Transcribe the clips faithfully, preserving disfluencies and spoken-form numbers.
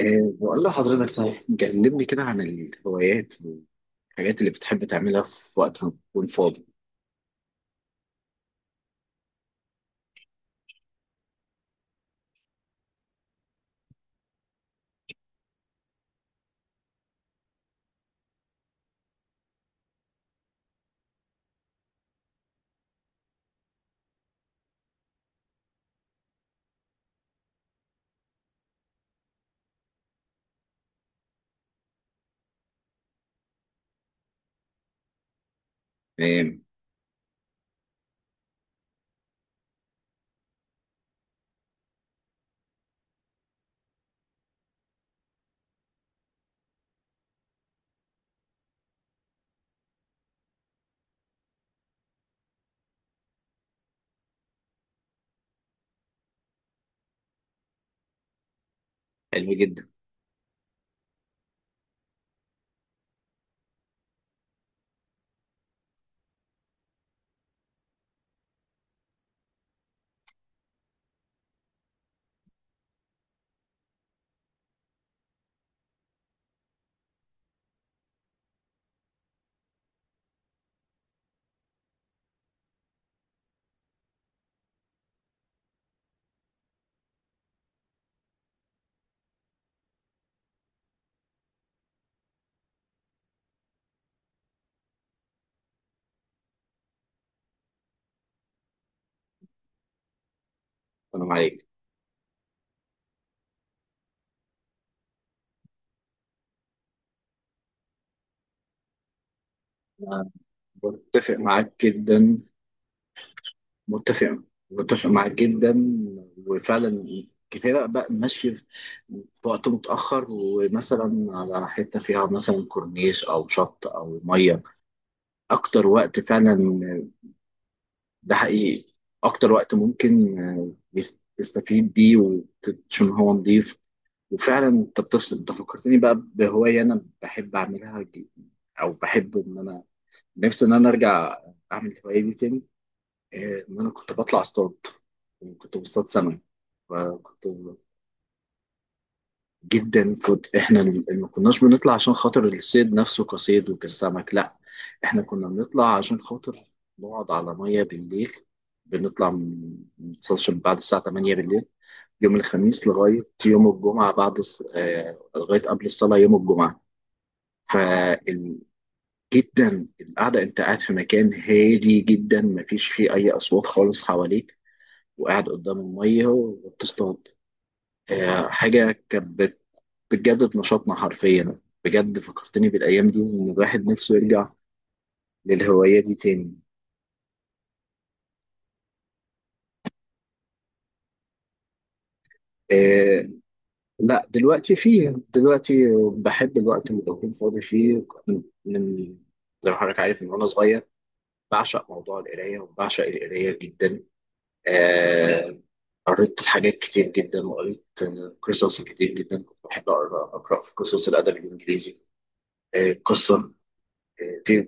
أه بقول لحضرتك، صحيح كلمني كده عن الهوايات والحاجات اللي بتحب تعملها في وقت ما تكون فاضي. تمام. حلو جدا. سلام عليك. أنا متفق معاك جدا. متفق. متفق معاك جدا. وفعلا كفايه بقى ماشي في وقت متاخر، ومثلا على حته فيها مثلا كورنيش او شط او ميه، اكتر وقت فعلا. ده حقيقي. اكتر وقت ممكن آه، يس- تستفيد بيه، وعشان هو نضيف. وفعلا انت بتفصل، انت فكرتني بقى بهوايه انا بحب اعملها ج- او بحب ان انا، نفسي ان انا ارجع اعمل الهوايه دي تاني. آه، ان انا كنت بطلع اصطاد، كنت بصطاد سمك. فكنت، جدا، كنت احنا ما كناش بنطلع عشان خاطر الصيد نفسه كصيد وكسمك، لا. احنا كنا بنطلع عشان خاطر نقعد على ميه بالليل. بنطلع م- ما نوصلش من بعد الساعه تمانية بالليل، يوم الخميس لغايه يوم الجمعه، بعد الص- آه، لغايه قبل الصلاه يوم الجمعه. فال... جدا، القعدة انت قاعد في مكان هادي جدا، مفيش فيه اي اصوات خالص حواليك، وقاعد قدام المية وبتصطاد. آه، حاجة كانت بت- بتجدد نشاطنا حرفيا. بجد فكرتني بالايام دي، وان الواحد نفسه يرجع للهواية دي تاني. آه، لا، دلوقتي فيه. دلوقتي بحب الوقت اللي بكون فاضي فيه، من زي ما حضرتك عارف، من وانا صغير بعشق موضوع القراية، وبعشق القراية جدا. آه، قريت حاجات كتير جدا، وقريت آه، قصص كتير جدا. كنت بحب أقرأ أقرأ في قصص الأدب الإنجليزي. آه، قصة آه، في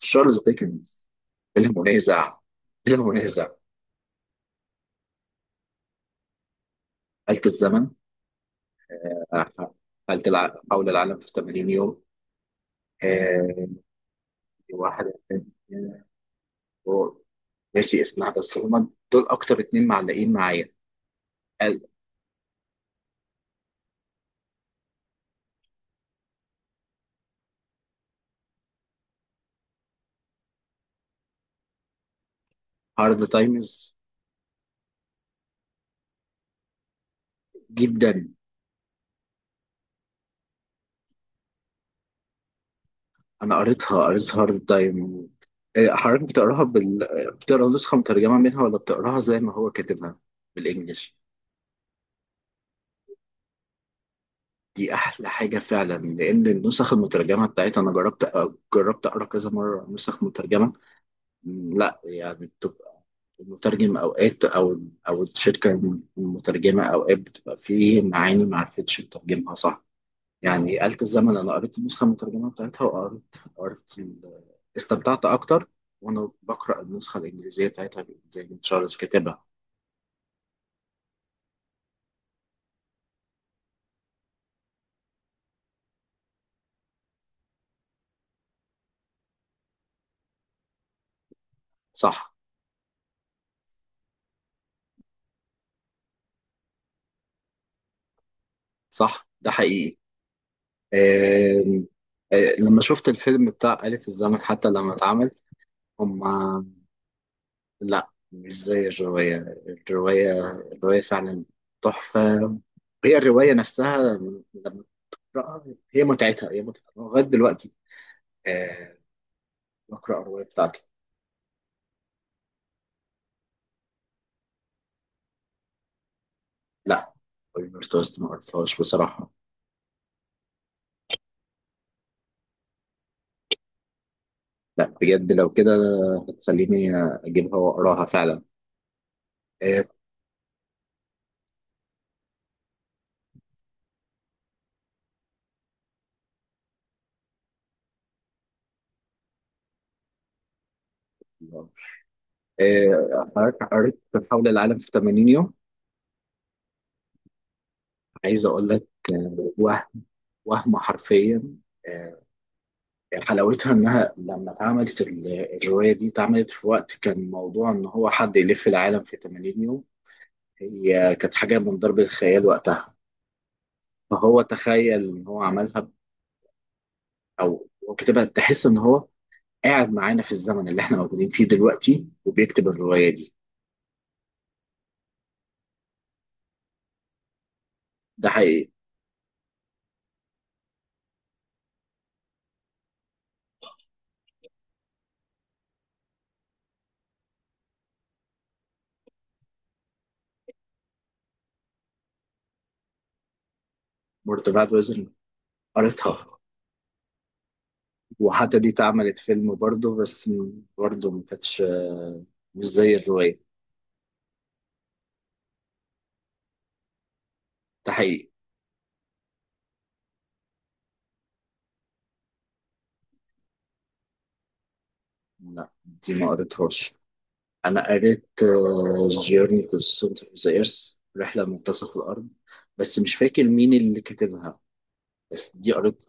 تشارلز ديكنز بلا منازع، بلا منازع. آلة الزمن. آه، آلة الع- حول العالم في ثمانين يوم. آه، واحدة تانية، هو ناسي اسمها، بس هما دول أكتر اتنين معلقين معايا. هارد تايمز جدا. انا قريتها قريتها هارد تايم. إيه، حضرتك بتقراها بال... بتقرا نسخه مترجمه منها، ولا بتقراها زي ما هو كاتبها بالانجلش؟ دي احلى حاجه فعلا، لان النسخ المترجمه بتاعتها انا جربت أ- جربت اقرا كذا مره نسخ مترجمه. م، لا، يعني بتبقى المترجم اوقات، او او الشركه المترجمه اوقات، بتبقى فيه معاني ما عرفتش تترجمها صح. يعني آلة الزمن، أنا قريت النسخة المترجمة بتاعتها، وقريت قريت ال- استمتعت أكتر وأنا بقرأ النسخة الإنجليزية بتاعتها، زي ما تشارلز كاتبها. صح. صح، ده حقيقي. آم، آه، لما شفت الفيلم بتاع آلة الزمن، حتى لما اتعمل هما... لا، مش زي الرواية. الرواية الرواية فعلا تحفة. هي الرواية نفسها لما تقرأها، هي متعتها، هي متعتها لغاية دلوقتي. آه، بقرأ الرواية بتاعتي. لا، طيب، مش توست، ما قريتهاش بصراحة. لا بجد، لو كده هتخليني أجيبها وأقراها فعلا. إيه. إيه، حضرتك قريت حول العالم في تمانين يوم؟ عايز أقول لك آه، وهم وهم حرفيا، آه، يعني حلاوتها إنها لما اتعملت ال- الرواية دي اتعملت في وقت كان موضوع إن هو حد يلف العالم في ثمانين يوم، هي كانت حاجة من ضرب الخيال وقتها، فهو تخيل إن هو عملها، أو هو كتبها. تحس إن هو قاعد معانا في الزمن اللي احنا موجودين فيه دلوقتي وبيكتب الرواية دي. ده حقيقي. مورت بعد وزن. قريتها. وحتى دي اتعملت فيلم برضه، بس م- برضه ما كانتش آه، مش زي الرواية. ده حقيقي. لا، دي ما قريتهاش. أنا قريت جيرني تو سنتر اوف ذا ايرث، رحلة منتصف الأرض. بس مش فاكر مين اللي كاتبها. بس دي قريت.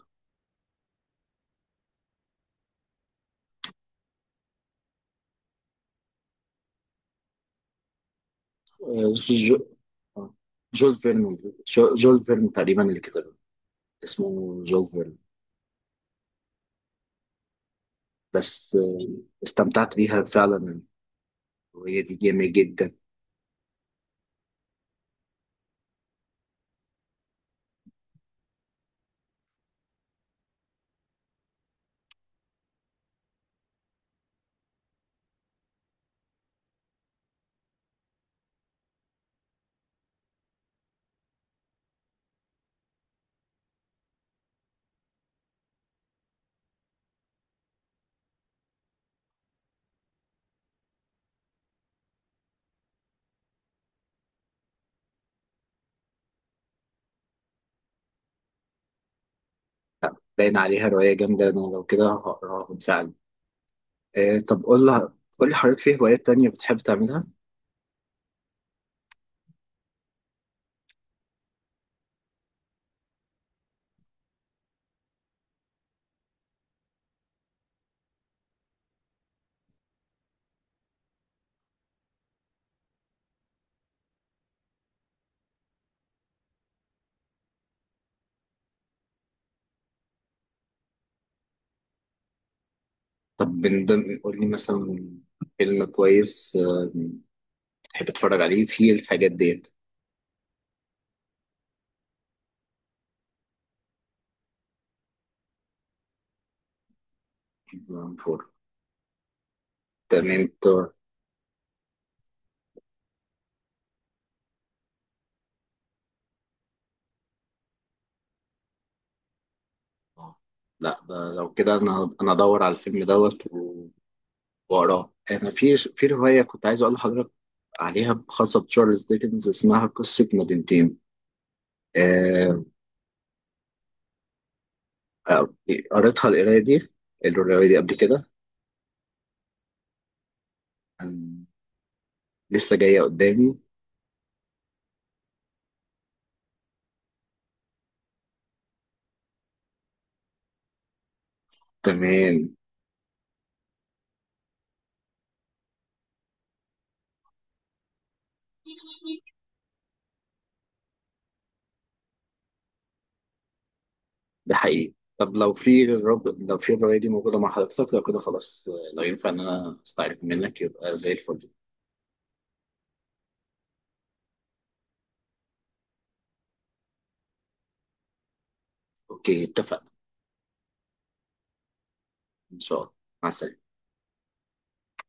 آه، جو- آه، جول فيرن. جو- جول فيرن تقريبا اللي كتبها، اسمه جول فيرن. بس آه، استمتعت بيها فعلا. الرواية دي جامدة جدا. لا، باين عليها رواية جامدة، أنا لو كده هقراها بالفعل. آه، طب قول لها قول لي حضرتك، في هوايات تانية بتحب تعملها؟ طب من ضمن، قول لي مثلا فيلم كويس آه، بتحب تتفرج عليه في الحاجات ديت. فور. تمام طار. آه، لا، ده لو كده أنا أنا أدور على الفيلم دوت و- وأقراه. أنا في في رواية كنت عايز أقول لحضرتك عليها، خاصة بتشارلز ديكنز، اسمها قصة مدينتين. آه، آه، قريتها، القراية دي، الرواية دي قبل كده. آم، لسه جاية قدامي. تمام. ده حقيقي. طب لو في الرب لو في الرواية دي موجودة مع حضرتك، لو كده خلاص، آه، لو ينفع إن أنا أستعرف منك يبقى زي الفل. أوكي، اتفقنا. إن شاء الله. مع السلامة.